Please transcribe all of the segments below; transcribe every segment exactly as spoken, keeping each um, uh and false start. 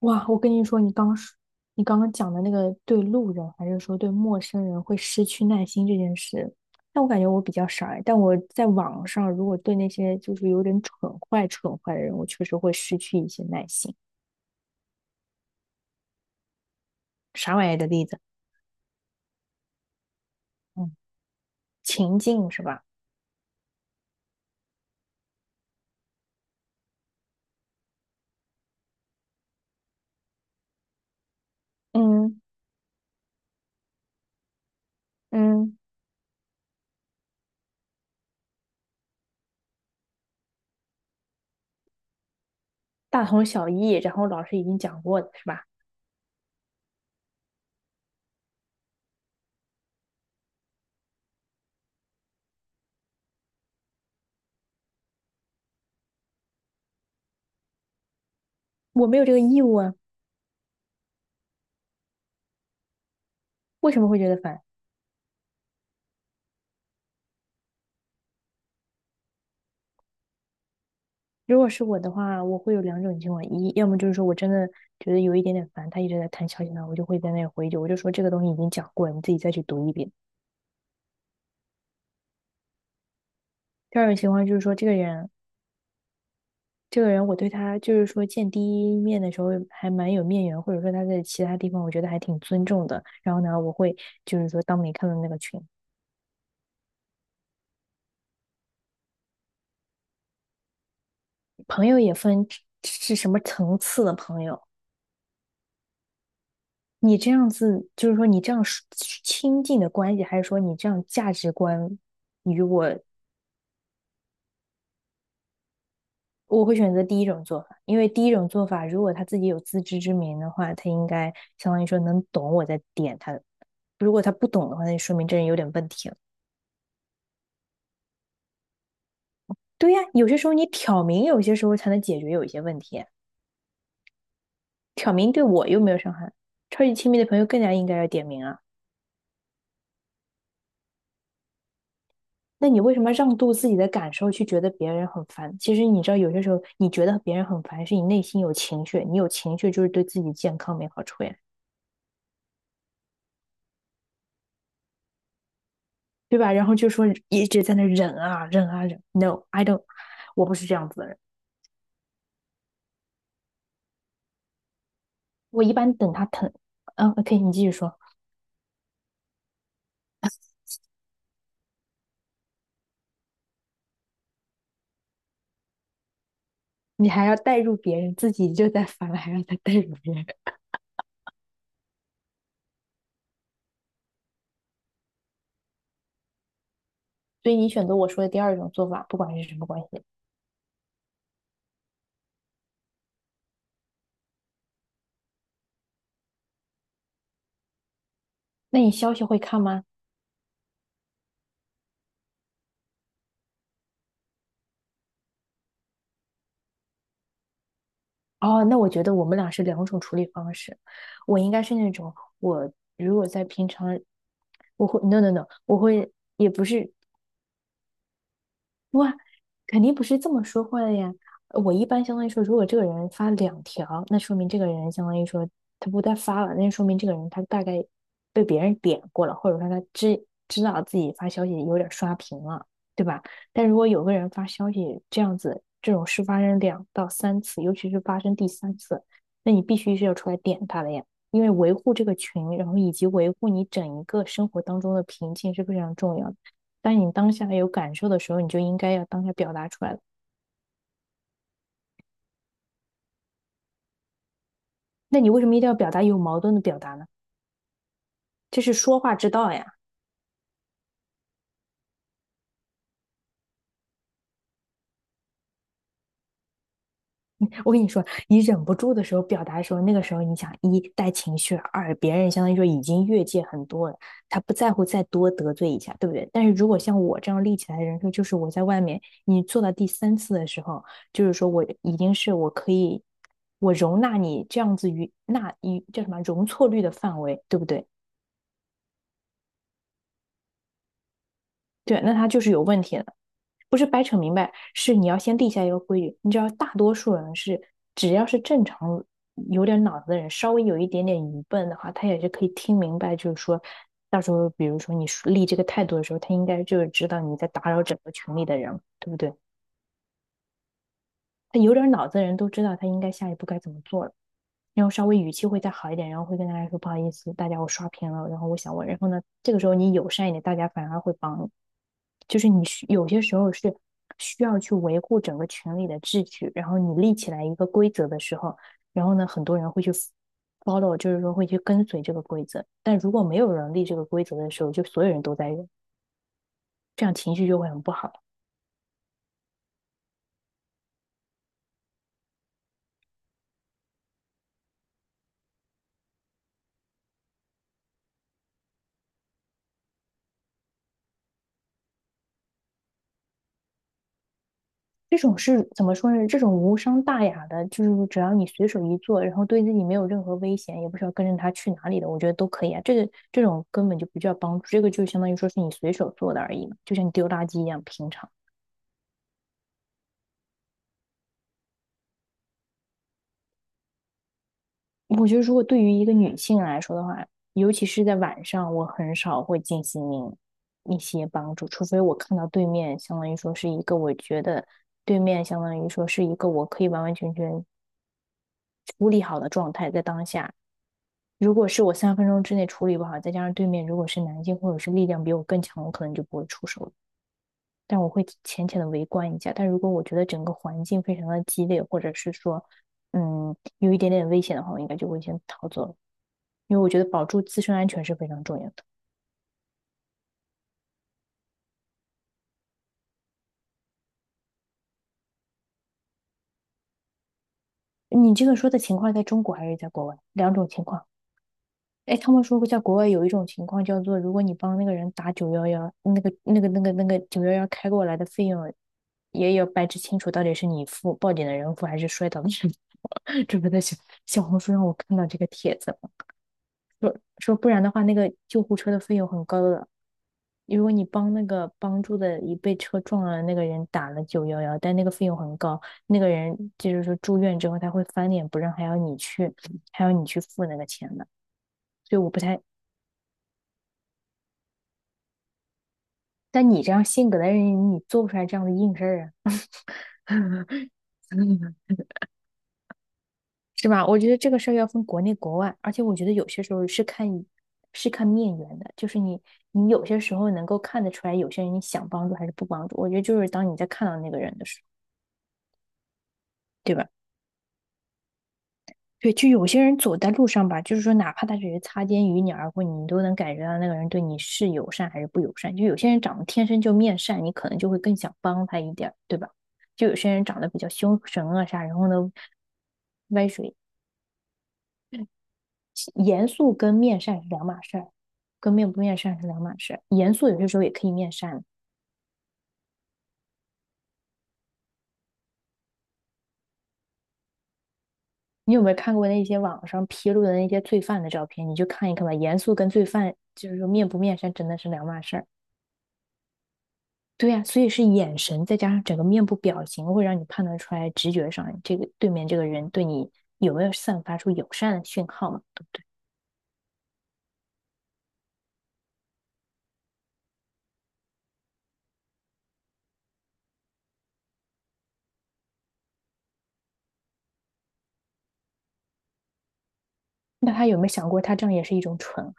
哇，我跟你说，你刚说，你刚刚讲的那个对路人还是说对陌生人会失去耐心这件事，但我感觉我比较傻欸，但我在网上如果对那些就是有点蠢坏蠢坏的人，我确实会失去一些耐心。啥玩意儿的例子？嗯，情境是吧？嗯嗯，大同小异，然后老师已经讲过了，是吧？我没有这个义务啊。为什么会觉得烦？如果是我的话，我会有两种情况：一，要么就是说我真的觉得有一点点烦，他一直在弹消息呢，我就会在那里回一句，我就说这个东西已经讲过了，你自己再去读一遍。第二种情况就是说，这个人，这个人，我对他就是说见第一面的时候还蛮有面缘，或者说他在其他地方我觉得还挺尊重的。然后呢，我会就是说当没看到那个群，朋友也分是什么层次的朋友。你这样子，就是说你这样是亲近的关系，还是说你这样价值观与我我会选择第一种做法，因为第一种做法，如果他自己有自知之明的话，他应该相当于说能懂我在点他。如果他不懂的话，那就说明这人有点问题了。对呀，有些时候你挑明，有些时候才能解决有一些问题。挑明对我又没有伤害，超级亲密的朋友更加应该要点名啊。那你为什么让渡自己的感受去觉得别人很烦？其实你知道，有些时候你觉得别人很烦，是你内心有情绪，你有情绪就是对自己健康没好处呀。对吧？然后就说一直在那忍啊忍啊忍。No，I don't。我不是这样子的人。我一般等他疼，嗯，OK，你继续说。你还要带入别人，自己就在烦了，还要再带入别人。所以你选择我说的第二种做法，不管是什么关系。那你消息会看吗？哦，那我觉得我们俩是两种处理方式。我应该是那种，我如果在平常，我会 no no no，我会也不是，哇，肯定不是这么说话的呀。呃我一般相当于说，如果这个人发两条，那说明这个人相当于说他不再发了，那说明这个人他大概被别人点过了，或者说他知知道自己发消息有点刷屏了，对吧？但如果有个人发消息这样子，这种事发生两到三次，尤其是发生第三次，那你必须是要出来点他的呀，因为维护这个群，然后以及维护你整一个生活当中的平静是非常重要的。当你当下有感受的时候，你就应该要当下表达出来了。那你为什么一定要表达有矛盾的表达呢？这是说话之道呀！我跟你说，你忍不住的时候表达的时候，那个时候你想一带情绪，二别人相当于说已经越界很多了，他不在乎再多得罪一下，对不对？但是如果像我这样立起来的人设，就是我在外面，你做到第三次的时候，就是说我已经是我可以，我容纳你这样子于那一叫什么容错率的范围，对不对？对，那他就是有问题的。不是掰扯明白，是你要先立下一个规矩。你知道，大多数人是只要是正常有点脑子的人，稍微有一点点愚笨的话，他也是可以听明白，就是说，到时候比如说你立这个态度的时候，他应该就是知道你在打扰整个群里的人，对不对？他有点脑子的人都知道他应该下一步该怎么做了。然后稍微语气会再好一点，然后会跟大家说不好意思，大家我刷屏了，然后我想问，然后呢，这个时候你友善一点，大家反而会帮你。就是你需有些时候是需要去维护整个群里的秩序，然后你立起来一个规则的时候，然后呢，很多人会去 follow，就是说会去跟随这个规则。但如果没有人立这个规则的时候，就所有人都在用，这样情绪就会很不好。这种是怎么说呢？这种无伤大雅的，就是只要你随手一做，然后对自己没有任何危险，也不需要跟着他去哪里的，我觉得都可以啊。这个这种根本就不叫帮助，这个就相当于说是你随手做的而已嘛，就像你丢垃圾一样平常。我觉得如果对于一个女性来说的话，尤其是在晚上，我很少会进行一些帮助，除非我看到对面相当于说是一个我觉得对面相当于说是一个我可以完完全全处理好的状态，在当下。如果是我三分钟之内处理不好，再加上对面如果是男性或者是力量比我更强，我可能就不会出手了。但我会浅浅的围观一下。但如果我觉得整个环境非常的激烈，或者是说，嗯，有一点点危险的话，我应该就会先逃走了，因为我觉得保住自身安全是非常重要的。你这个说的情况在中国还是在国外？两种情况。哎，他们说过，在国外有一种情况叫做，如果你帮那个人打九幺幺，那个、那个、那个、那个九幺幺开过来的费用，也要掰扯清楚到底是你付，报警的人付还是摔倒的人付。这不在小小红书上我看到这个帖子了，说不然的话，那个救护车的费用很高的。如果你帮那个帮助的一被车撞了那个人打了九幺幺，但那个费用很高，那个人就是说住院之后他会翻脸不认，还要你去，还要你去付那个钱的。所以我不太，但你这样性格的人，你做不出来这样的硬事儿啊，是吧？我觉得这个事儿要分国内国外，而且我觉得有些时候是看是看面缘的，就是你你有些时候能够看得出来，有些人你想帮助还是不帮助。我觉得就是当你在看到那个人的时候，对吧？对，就有些人走在路上吧，就是说，哪怕他只是擦肩与你而过，你都能感觉到那个人对你是友善还是不友善。就有些人长得天生就面善，你可能就会更想帮他一点儿对吧？就有些人长得比较凶神恶煞，然后呢，歪水。严肃跟面善是两码事儿，跟面不面善是两码事儿。严肃有些时候也可以面善。你有没有看过那些网上披露的那些罪犯的照片？你就看一看吧。严肃跟罪犯就是说面不面善真的是两码事儿。对呀，所以是眼神再加上整个面部表情，会让你判断出来，直觉上这个对面这个人对你有没有散发出友善的讯号嘛，对不对？那他有没有想过，他这样也是一种蠢。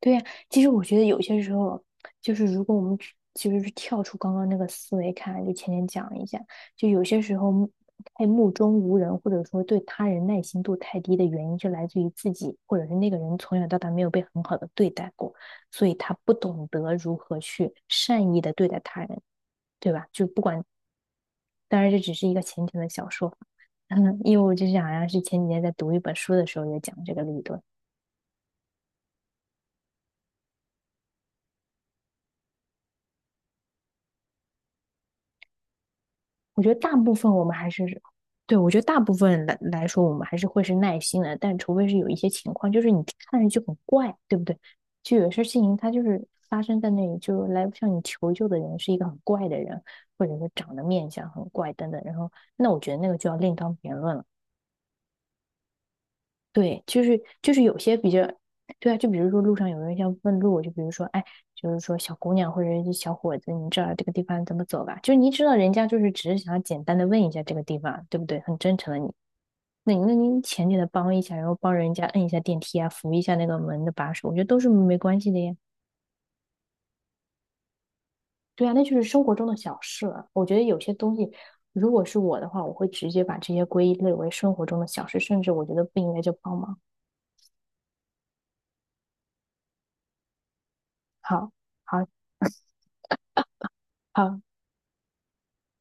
对呀，其实我觉得有些时候，就是如果我们只实是跳出刚刚那个思维看，就前面讲一下，就有些时候目太目中无人，或者说对他人耐心度太低的原因，就来自于自己或者是那个人从小到大没有被很好的对待过，所以他不懂得如何去善意的对待他人，对吧？就不管，当然这只是一个浅浅的小说法，嗯，因为我就想，好像是前几天在读一本书的时候也讲这个理论。我觉得大部分我们还是，对，我觉得大部分来来说，我们还是会是耐心的，但除非是有一些情况，就是你看着就很怪，对不对？就有些事情它就是发生在那里，就来向你求救的人是一个很怪的人，或者是长得面相很怪等等，然后那我觉得那个就要另当别论了。对，就是就是有些比较，对啊，就比如说路上有人要问路，就比如说，哎，就是说小姑娘或者是小伙子，你这儿这个地方怎么走吧？就是你知道人家就是只是想要简单的问一下这个地方，对不对？很真诚的你，那你那您前给的帮一下，然后帮人家摁一下电梯啊，扶一下那个门的把手，我觉得都是没关系的呀。对啊，那就是生活中的小事了。我觉得有些东西，如果是我的话，我会直接把这些归类为生活中的小事，甚至我觉得不应该叫帮忙。好，好，好。